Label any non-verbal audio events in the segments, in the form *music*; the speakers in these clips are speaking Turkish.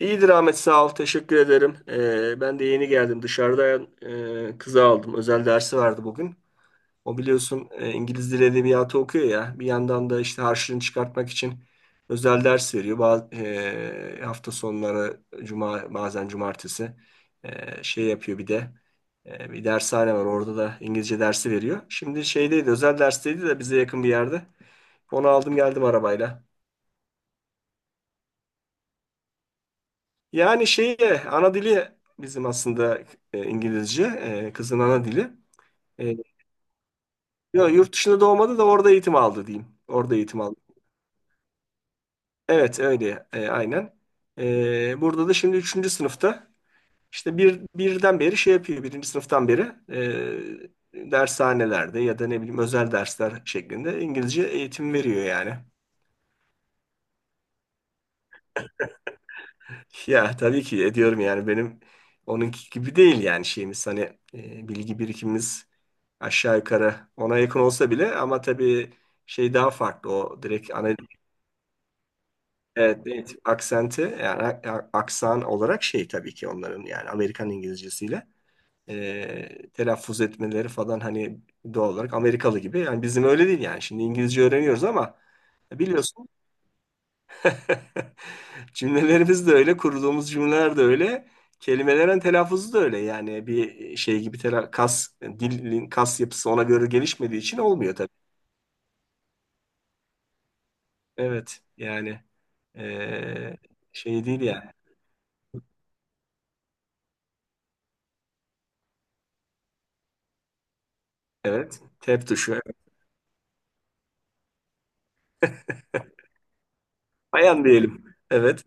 İyidir Ahmet, sağ ol. Teşekkür ederim. Ben de yeni geldim. Dışarıdan kızı aldım. Özel dersi vardı bugün. O, biliyorsun, İngiliz Dili Edebiyatı okuyor ya. Bir yandan da işte harçlığını çıkartmak için özel ders veriyor. Hafta sonları cuma, bazen cumartesi şey yapıyor bir de. Bir dershane var. Orada da İngilizce dersi veriyor. Şimdi şeydeydi, özel dersteydi de bize yakın bir yerde. Onu aldım, geldim arabayla. Yani şeye ana dili bizim aslında İngilizce, kızın ana dili. E, yo, yurt dışında doğmadı da orada eğitim aldı diyeyim. Orada eğitim aldı. Evet, öyle aynen. Burada da şimdi üçüncü sınıfta işte birden beri şey yapıyor. Birinci sınıftan beri dershanelerde ya da ne bileyim özel dersler şeklinde İngilizce eğitim veriyor yani. Ya tabii ki ediyorum, yani benim onunki gibi değil, yani şeyimiz hani bilgi birikimimiz aşağı yukarı ona yakın olsa bile, ama tabii şey daha farklı, o direkt ana, evet, evet, aksenti yani aksan olarak şey, tabii ki onların yani Amerikan İngilizcesiyle telaffuz etmeleri falan, hani doğal olarak Amerikalı gibi, yani bizim öyle değil yani, şimdi İngilizce öğreniyoruz ama biliyorsun. *laughs* Cümlelerimiz de öyle, kurduğumuz cümleler de öyle, kelimelerin telaffuzu da öyle. Yani bir şey gibi kas, dilin kas yapısı ona göre gelişmediği için olmuyor tabii. Evet, yani eee, şey değil yani. Evet, tep tuşu. *laughs* Bayan diyelim. Evet,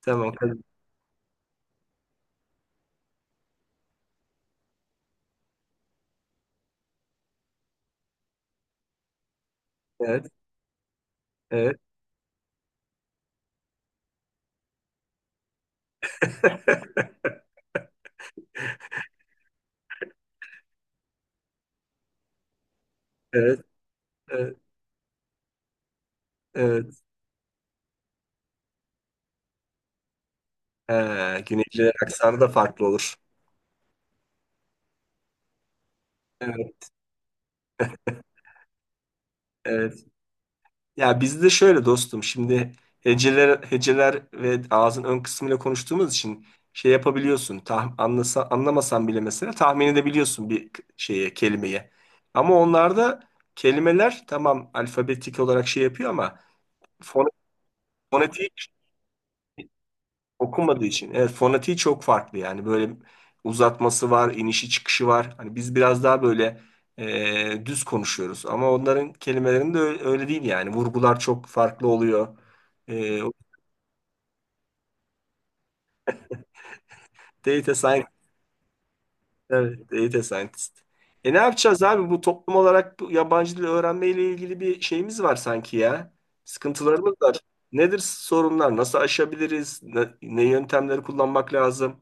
tamam. Kadın. Evet, evet, *laughs* evet, evet, evet. Ha, Güneylilerin aksanı da farklı olur. Evet, evet. Ya bizde şöyle dostum, şimdi heceler heceler ve ağzın ön kısmıyla konuştuğumuz için şey yapabiliyorsun. Anlamasan bile mesela tahmin edebiliyorsun bir şeye, kelimeye. Ama onlarda kelimeler tamam, alfabetik olarak şey yapıyor, ama fon, fonetiği okunmadığı için. Evet, fonetiği çok farklı yani, böyle uzatması var, inişi çıkışı var. Hani biz biraz daha böyle düz konuşuyoruz ama onların kelimelerinde öyle, öyle değil yani. Vurgular çok farklı oluyor. Data scientist. Evet, data scientist. E, ne yapacağız abi? Bu toplum olarak bu yabancı dil öğrenmeyle ilgili bir şeyimiz var sanki ya. Sıkıntılarımız var. Nedir sorunlar? Nasıl aşabiliriz? Ne yöntemleri kullanmak lazım?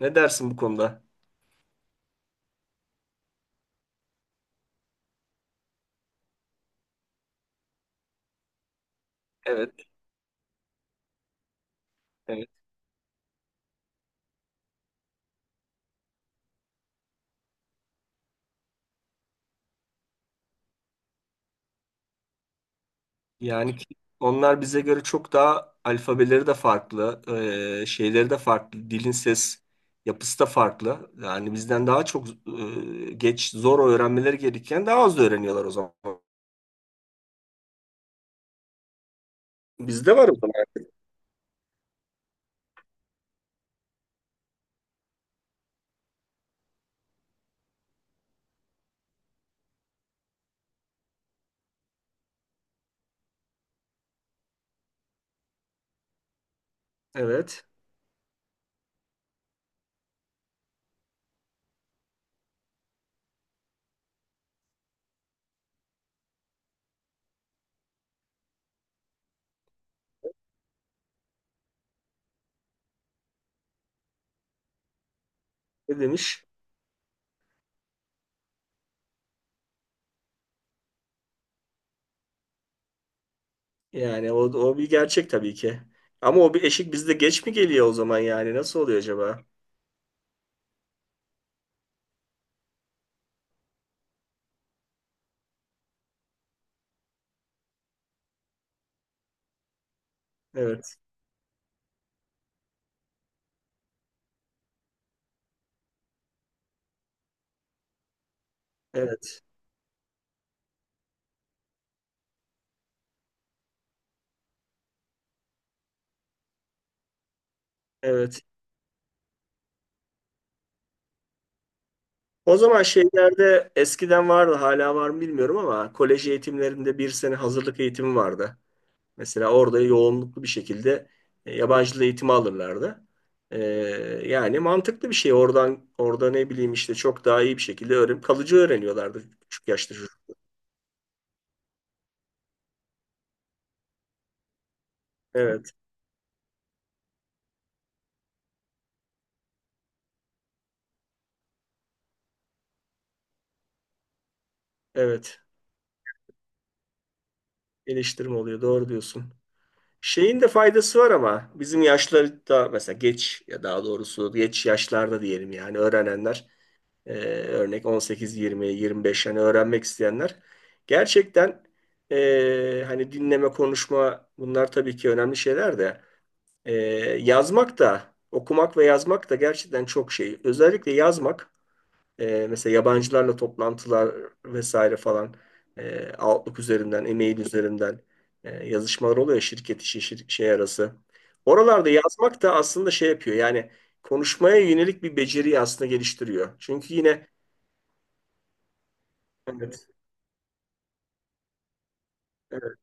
Ne dersin bu konuda? Evet, evet. Yani ki onlar bize göre çok daha alfabeleri de farklı, şeyleri de farklı, dilin ses yapısı da farklı. Yani bizden daha çok geç, zor öğrenmeleri gerekirken daha az öğreniyorlar o zaman. Bizde var o zaman. Evet. Ne demiş? Yani o bir gerçek tabii ki. Ama o bir eşik bizde geç mi geliyor o zaman yani? Nasıl oluyor acaba? Evet. Evet. Evet. O zaman şeylerde eskiden vardı, hala var mı bilmiyorum ama, kolej eğitimlerinde bir sene hazırlık eğitimi vardı. Mesela orada yoğunluklu bir şekilde yabancı dil eğitimi alırlardı. Ee, yani mantıklı bir şey. Orada ne bileyim, işte çok daha iyi bir şekilde öğren, kalıcı öğreniyorlardı küçük yaşta çocuk. Evet. Evet. Geliştirme oluyor. Doğru diyorsun. Şeyin de faydası var, ama bizim yaşlarda mesela geç, ya daha doğrusu geç yaşlarda diyelim yani, öğrenenler e, örnek 18, 20, 25, yani öğrenmek isteyenler gerçekten hani dinleme, konuşma, bunlar tabii ki önemli şeyler de e, yazmak da, okumak ve yazmak da gerçekten çok şey. Özellikle yazmak mesela yabancılarla toplantılar vesaire falan, Outlook üzerinden, e-mail üzerinden yazışmalar oluyor ya, şirket işi, şey arası. Oralarda yazmak da aslında şey yapıyor. Yani konuşmaya yönelik bir beceriyi aslında geliştiriyor. Çünkü yine evet, evet,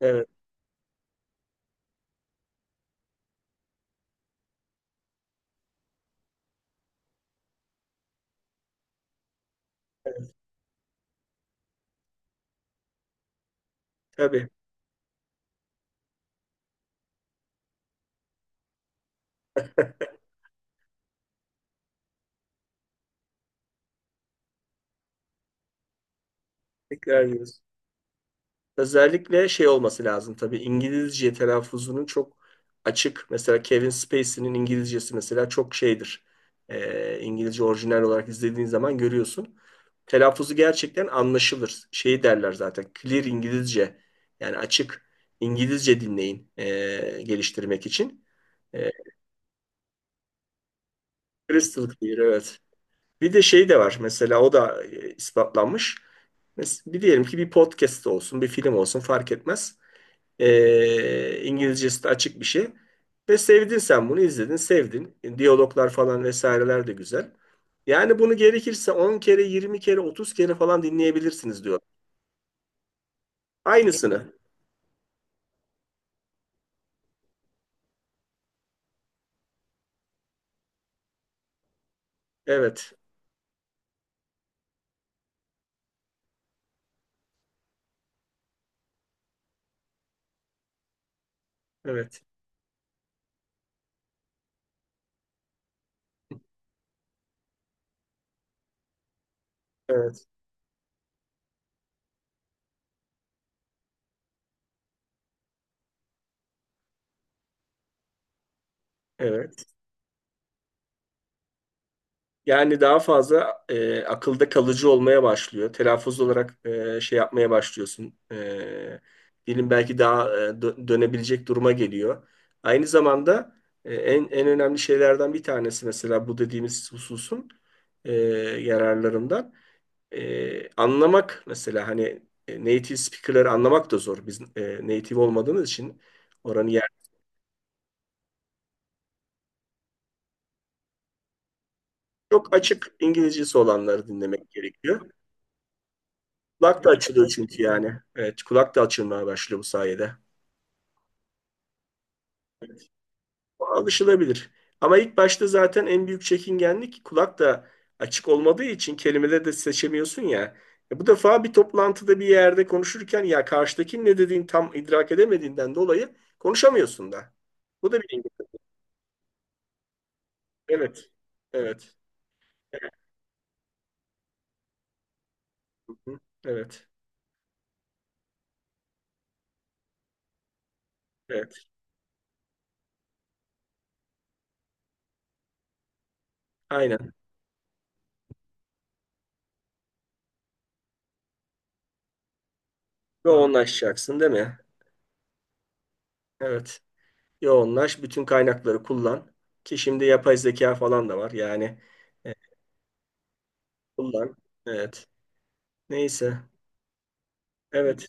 evet, tabii. *laughs* Tekrar ediyoruz. Özellikle şey olması lazım tabii, İngilizce telaffuzunun çok açık. Mesela Kevin Spacey'nin İngilizcesi mesela çok şeydir. İngilizce orijinal olarak izlediğin zaman görüyorsun. Telaffuzu gerçekten anlaşılır. Şey derler zaten, clear İngilizce yani, açık İngilizce dinleyin, geliştirmek için. Ee, crystal clear, evet. Bir de şey de var mesela, o da ispatlanmış. Bir diyelim ki bir podcast olsun, bir film olsun, fark etmez. İngilizcesi de açık bir şey. Ve sevdin, sen bunu izledin, sevdin. Diyaloglar falan vesaireler de güzel. Yani bunu gerekirse 10 kere, 20 kere, 30 kere falan dinleyebilirsiniz diyor. Aynısını. Evet, evet, evet, evet. Yani daha fazla akılda kalıcı olmaya başlıyor. Telaffuz olarak şey yapmaya başlıyorsun. Dilin belki daha dönebilecek duruma geliyor. Aynı zamanda en önemli şeylerden bir tanesi mesela bu dediğimiz hususun e, yararlarından anlamak mesela, hani native speaker'ları anlamak da zor. Biz native olmadığımız için oranın yer çok açık İngilizcesi olanları dinlemek gerekiyor. Kulak da açılıyor çünkü yani. Evet, kulak da açılmaya başlıyor bu sayede. O alışılabilir. Ama ilk başta zaten en büyük çekingenlik, kulak da açık olmadığı için kelimeleri de seçemiyorsun ya. E, bu defa bir toplantıda bir yerde konuşurken ya karşıdakinin ne dediğini tam idrak edemediğinden dolayı konuşamıyorsun da. Bu da bir engel. Evet. Evet. Hı. Evet. Evet. Aynen. Ve yoğunlaşacaksın değil mi? Evet. Yoğunlaş, bütün kaynakları kullan. Ki şimdi yapay zeka falan da var. Yani e, kullan. Evet. Neyse. Evet.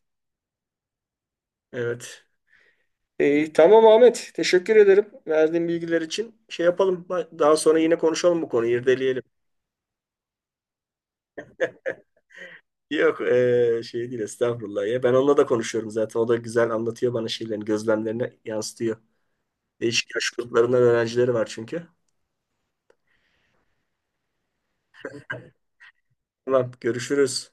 Evet. İyi, tamam Ahmet. Teşekkür ederim verdiğin bilgiler için. Şey yapalım. Daha sonra yine konuşalım bu konuyu, irdeleyelim. Yok, şey değil, estağfurullah ya. Ben onunla da konuşuyorum zaten. O da güzel anlatıyor bana, şeylerini, gözlemlerini yansıtıyor. Değişik yaş gruplarından öğrencileri var çünkü. Tamam, görüşürüz.